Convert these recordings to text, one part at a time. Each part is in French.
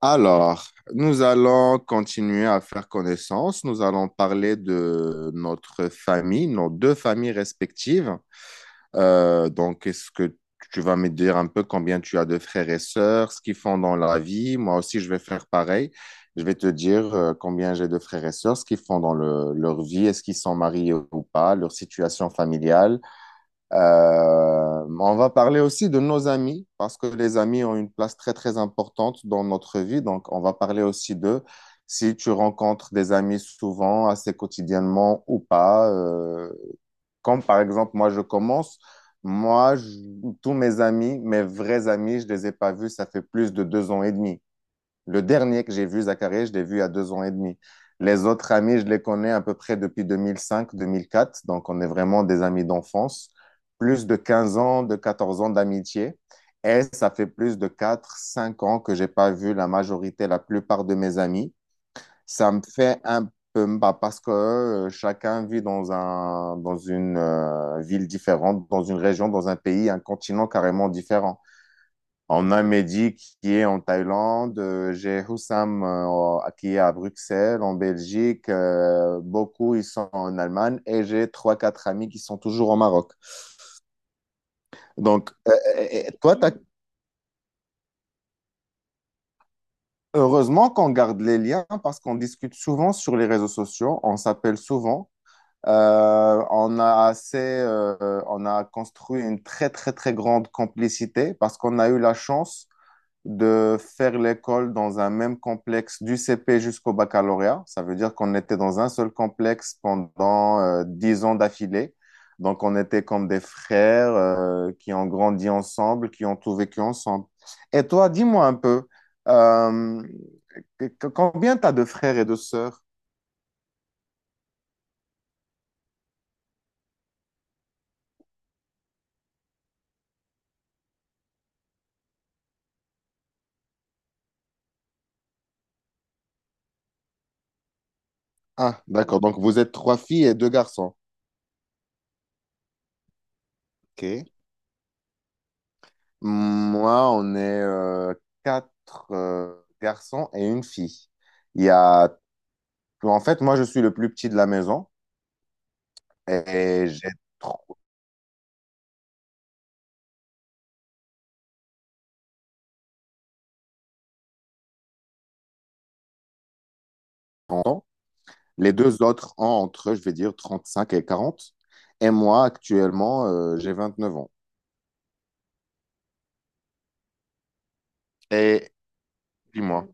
Alors, nous allons continuer à faire connaissance. Nous allons parler de notre famille, nos deux familles respectives. Donc, est-ce que tu vas me dire un peu combien tu as de frères et sœurs, ce qu'ils font dans la vie? Moi aussi, je vais faire pareil. Je vais te dire combien j'ai de frères et sœurs, ce qu'ils font dans leur vie, est-ce qu'ils sont mariés ou pas, leur situation familiale. On va parler aussi de nos amis, parce que les amis ont une place très, très importante dans notre vie. Donc, on va parler aussi d'eux. Si tu rencontres des amis souvent, assez quotidiennement ou pas, comme par exemple, moi, je commence. Moi, tous mes amis, mes vrais amis, je les ai pas vus, ça fait plus de 2 ans et demi. Le dernier que j'ai vu, Zachary, je l'ai vu il y a 2 ans et demi. Les autres amis, je les connais à peu près depuis 2005-2004, donc on est vraiment des amis d'enfance. Plus de 15 ans, de 14 ans d'amitié. Et ça fait plus de quatre, cinq ans que j'ai pas vu la majorité, la plupart de mes amis. Ça me fait un peu, bah, parce que chacun vit dans dans une ville différente, dans une région, dans un pays, un continent carrément différent. On a Mehdi qui est en Thaïlande, j'ai Houssam qui est à Bruxelles, en Belgique, beaucoup ils sont en Allemagne et j'ai trois, quatre amis qui sont toujours au Maroc. Donc, et- et toi, t'as- heureusement qu'on garde les liens parce qu'on discute souvent sur les réseaux sociaux, on s'appelle souvent. On a assez, on a construit une très, très, très grande complicité parce qu'on a eu la chance de faire l'école dans un même complexe du CP jusqu'au baccalauréat. Ça veut dire qu'on était dans un seul complexe pendant 10 ans d'affilée. Donc, on était comme des frères qui ont grandi ensemble, qui ont tout vécu ensemble. Et toi, dis-moi un peu, euh, combien t'as de frères et de sœurs? Ah, d'accord. Donc, vous êtes trois filles et deux garçons. OK. Moi, on est quatre garçons et une fille. Il y a En fait, moi, je suis le plus petit de la maison et j'ai 30 ans. Les deux autres ont entre, je vais dire, 35 et 40. Et moi, actuellement, j'ai 29 ans. Et dis-moi.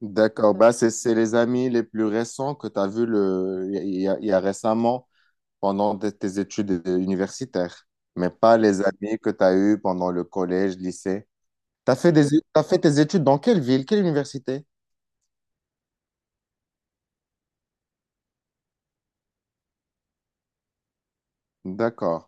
D'accord. Bah, c'est les amis les plus récents que tu as vus le... il y a récemment pendant tes études universitaires, mais pas les amis que tu as eus pendant le collège, lycée. Tu as fait des... t'as fait tes études dans quelle ville, quelle université? D'accord.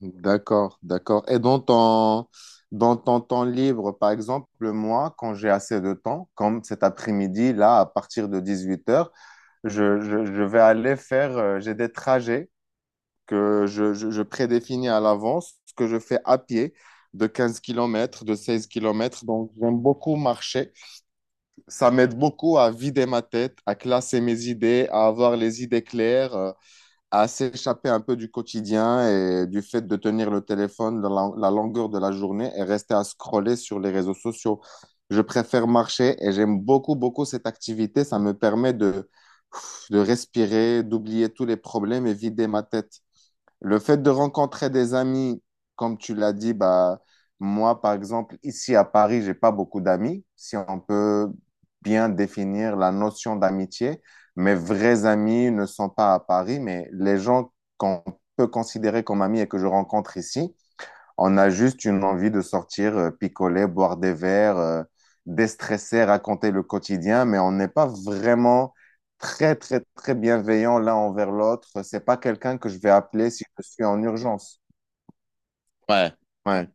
D'accord, d'accord. Et dans ton temps libre, par exemple, moi, quand j'ai assez de temps, comme cet après-midi, là, à partir de 18 h, je vais aller faire, j'ai des trajets que je prédéfinis à l'avance, ce que je fais à pied de 15 kilomètres, de 16 kilomètres. Donc, j'aime beaucoup marcher. Ça m'aide beaucoup à vider ma tête, à classer mes idées, à avoir les idées claires, à s'échapper un peu du quotidien et du fait de tenir le téléphone dans la, la longueur de la journée et rester à scroller sur les réseaux sociaux. Je préfère marcher et j'aime beaucoup, beaucoup cette activité. Ça me permet de respirer, d'oublier tous les problèmes et vider ma tête. Le fait de rencontrer des amis, comme tu l'as dit, bah, moi, par exemple, ici à Paris, j'ai pas beaucoup d'amis. Si on peut bien définir la notion d'amitié, mes vrais amis ne sont pas à Paris, mais les gens qu'on peut considérer comme amis et que je rencontre ici, on a juste une envie de sortir, picoler, boire des verres, déstresser, raconter le quotidien, mais on n'est pas vraiment très, très, très bienveillant l'un envers l'autre. C'est pas quelqu'un que je vais appeler si je suis en urgence. Ouais. Ouais.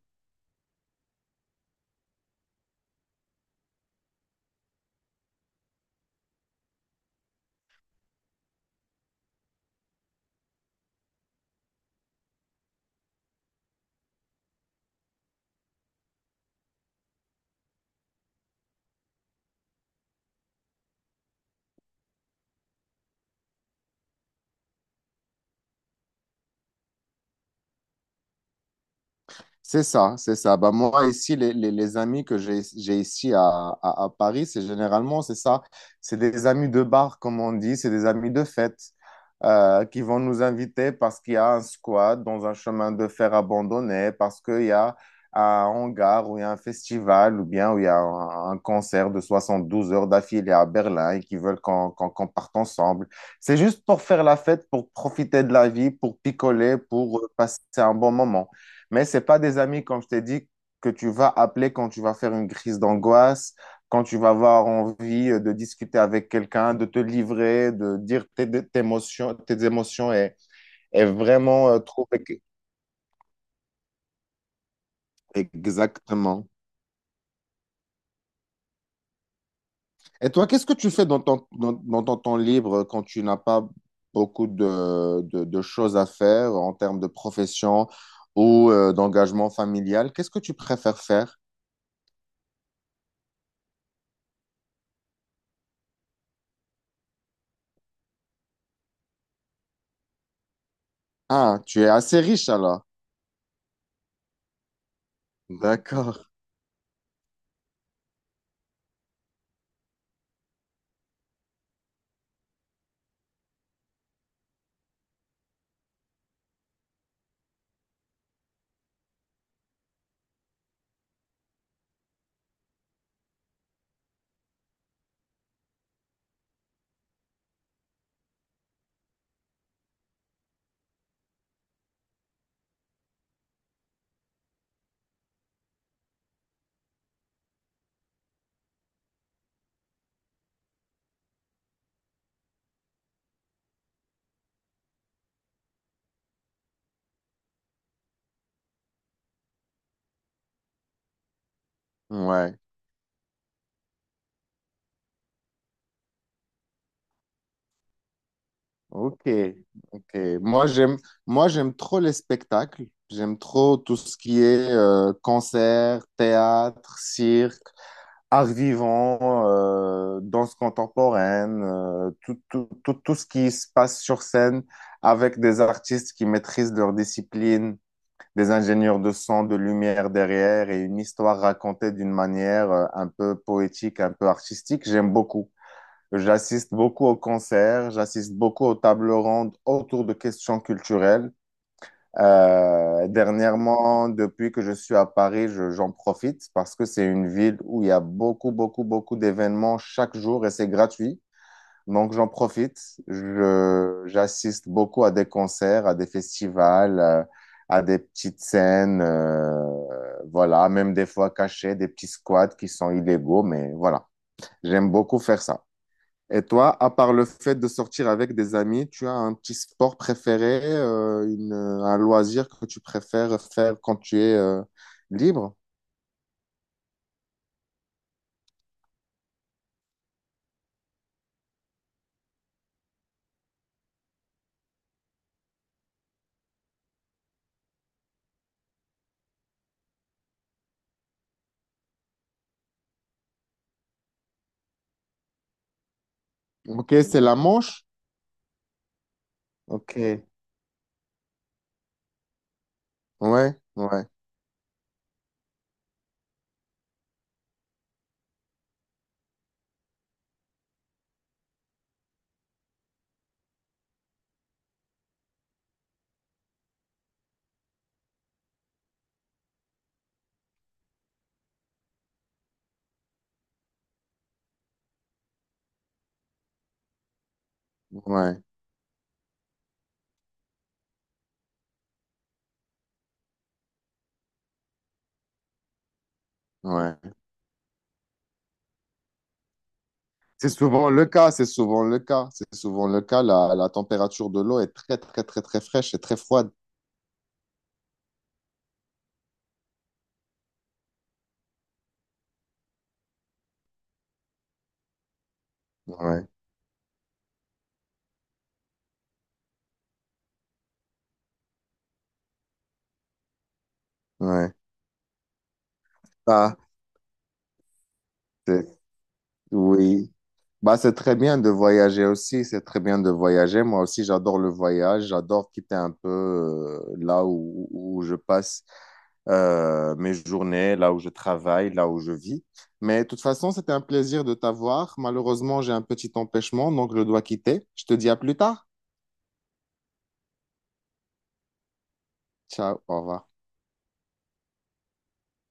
C'est ça, c'est ça. Bah, moi, ici, les amis que j'ai ici à Paris, c'est généralement, c'est ça. C'est des amis de bar, comme on dit, c'est des amis de fête qui vont nous inviter parce qu'il y a un squat dans un chemin de fer abandonné, parce qu'il y a un hangar où il y a un festival ou bien où il y a un concert de 72 heures d'affilée à Berlin et qui veulent qu'on parte ensemble. C'est juste pour faire la fête, pour profiter de la vie, pour picoler, pour passer un bon moment. Mais c'est pas des amis, comme je t'ai dit, que tu vas appeler quand tu vas faire une crise d'angoisse, quand tu vas avoir envie de discuter avec quelqu'un, de te livrer, de dire tes émotions et vraiment trouver... Exactement. Et toi, qu'est-ce que tu fais dans dans ton temps libre quand tu n'as pas beaucoup de, de choses à faire en termes de profession ou d'engagement familial? Qu'est-ce que tu préfères faire? Ah, tu es assez riche alors. D'accord. Ouais. Ok, ok. Moi, j'aime, Moi, j'aime trop les spectacles. J'aime trop tout ce qui est concert, théâtre, cirque, art vivant, danse contemporaine, tout, tout, tout, tout ce qui se passe sur scène avec des artistes qui maîtrisent leur discipline, des ingénieurs de son, de lumière derrière et une histoire racontée d'une manière un peu poétique, un peu artistique. J'aime beaucoup. J'assiste beaucoup aux concerts, j'assiste beaucoup aux tables rondes autour de questions culturelles. Dernièrement, depuis que je suis à Paris, j'en profite parce que c'est une ville où il y a beaucoup, beaucoup, beaucoup d'événements chaque jour et c'est gratuit. Donc j'en profite. J'assiste beaucoup à des concerts, à des festivals, à des petites scènes, voilà, même des fois cachées, des petits squats qui sont illégaux, mais voilà, j'aime beaucoup faire ça. Et toi, à part le fait de sortir avec des amis, tu as un petit sport préféré, un loisir que tu préfères faire quand tu es libre? Ok, c'est la Manche? Ok. Ouais, ouais, ouais, ouais. C'est souvent le cas, c'est souvent le cas, c'est souvent le cas. La température de l'eau est très, très, très, très fraîche et très froide. Ouais, ouais. Ah, c'est- oui, bah, c'est très bien de voyager aussi, c'est très bien de voyager. Moi aussi, j'adore le voyage, j'adore quitter un peu là où, où je passe mes journées, là où je travaille, là où je vis. Mais de toute façon, c'était un plaisir de t'avoir. Malheureusement, j'ai un petit empêchement, donc je dois quitter. Je te dis à plus tard. Ciao, au revoir.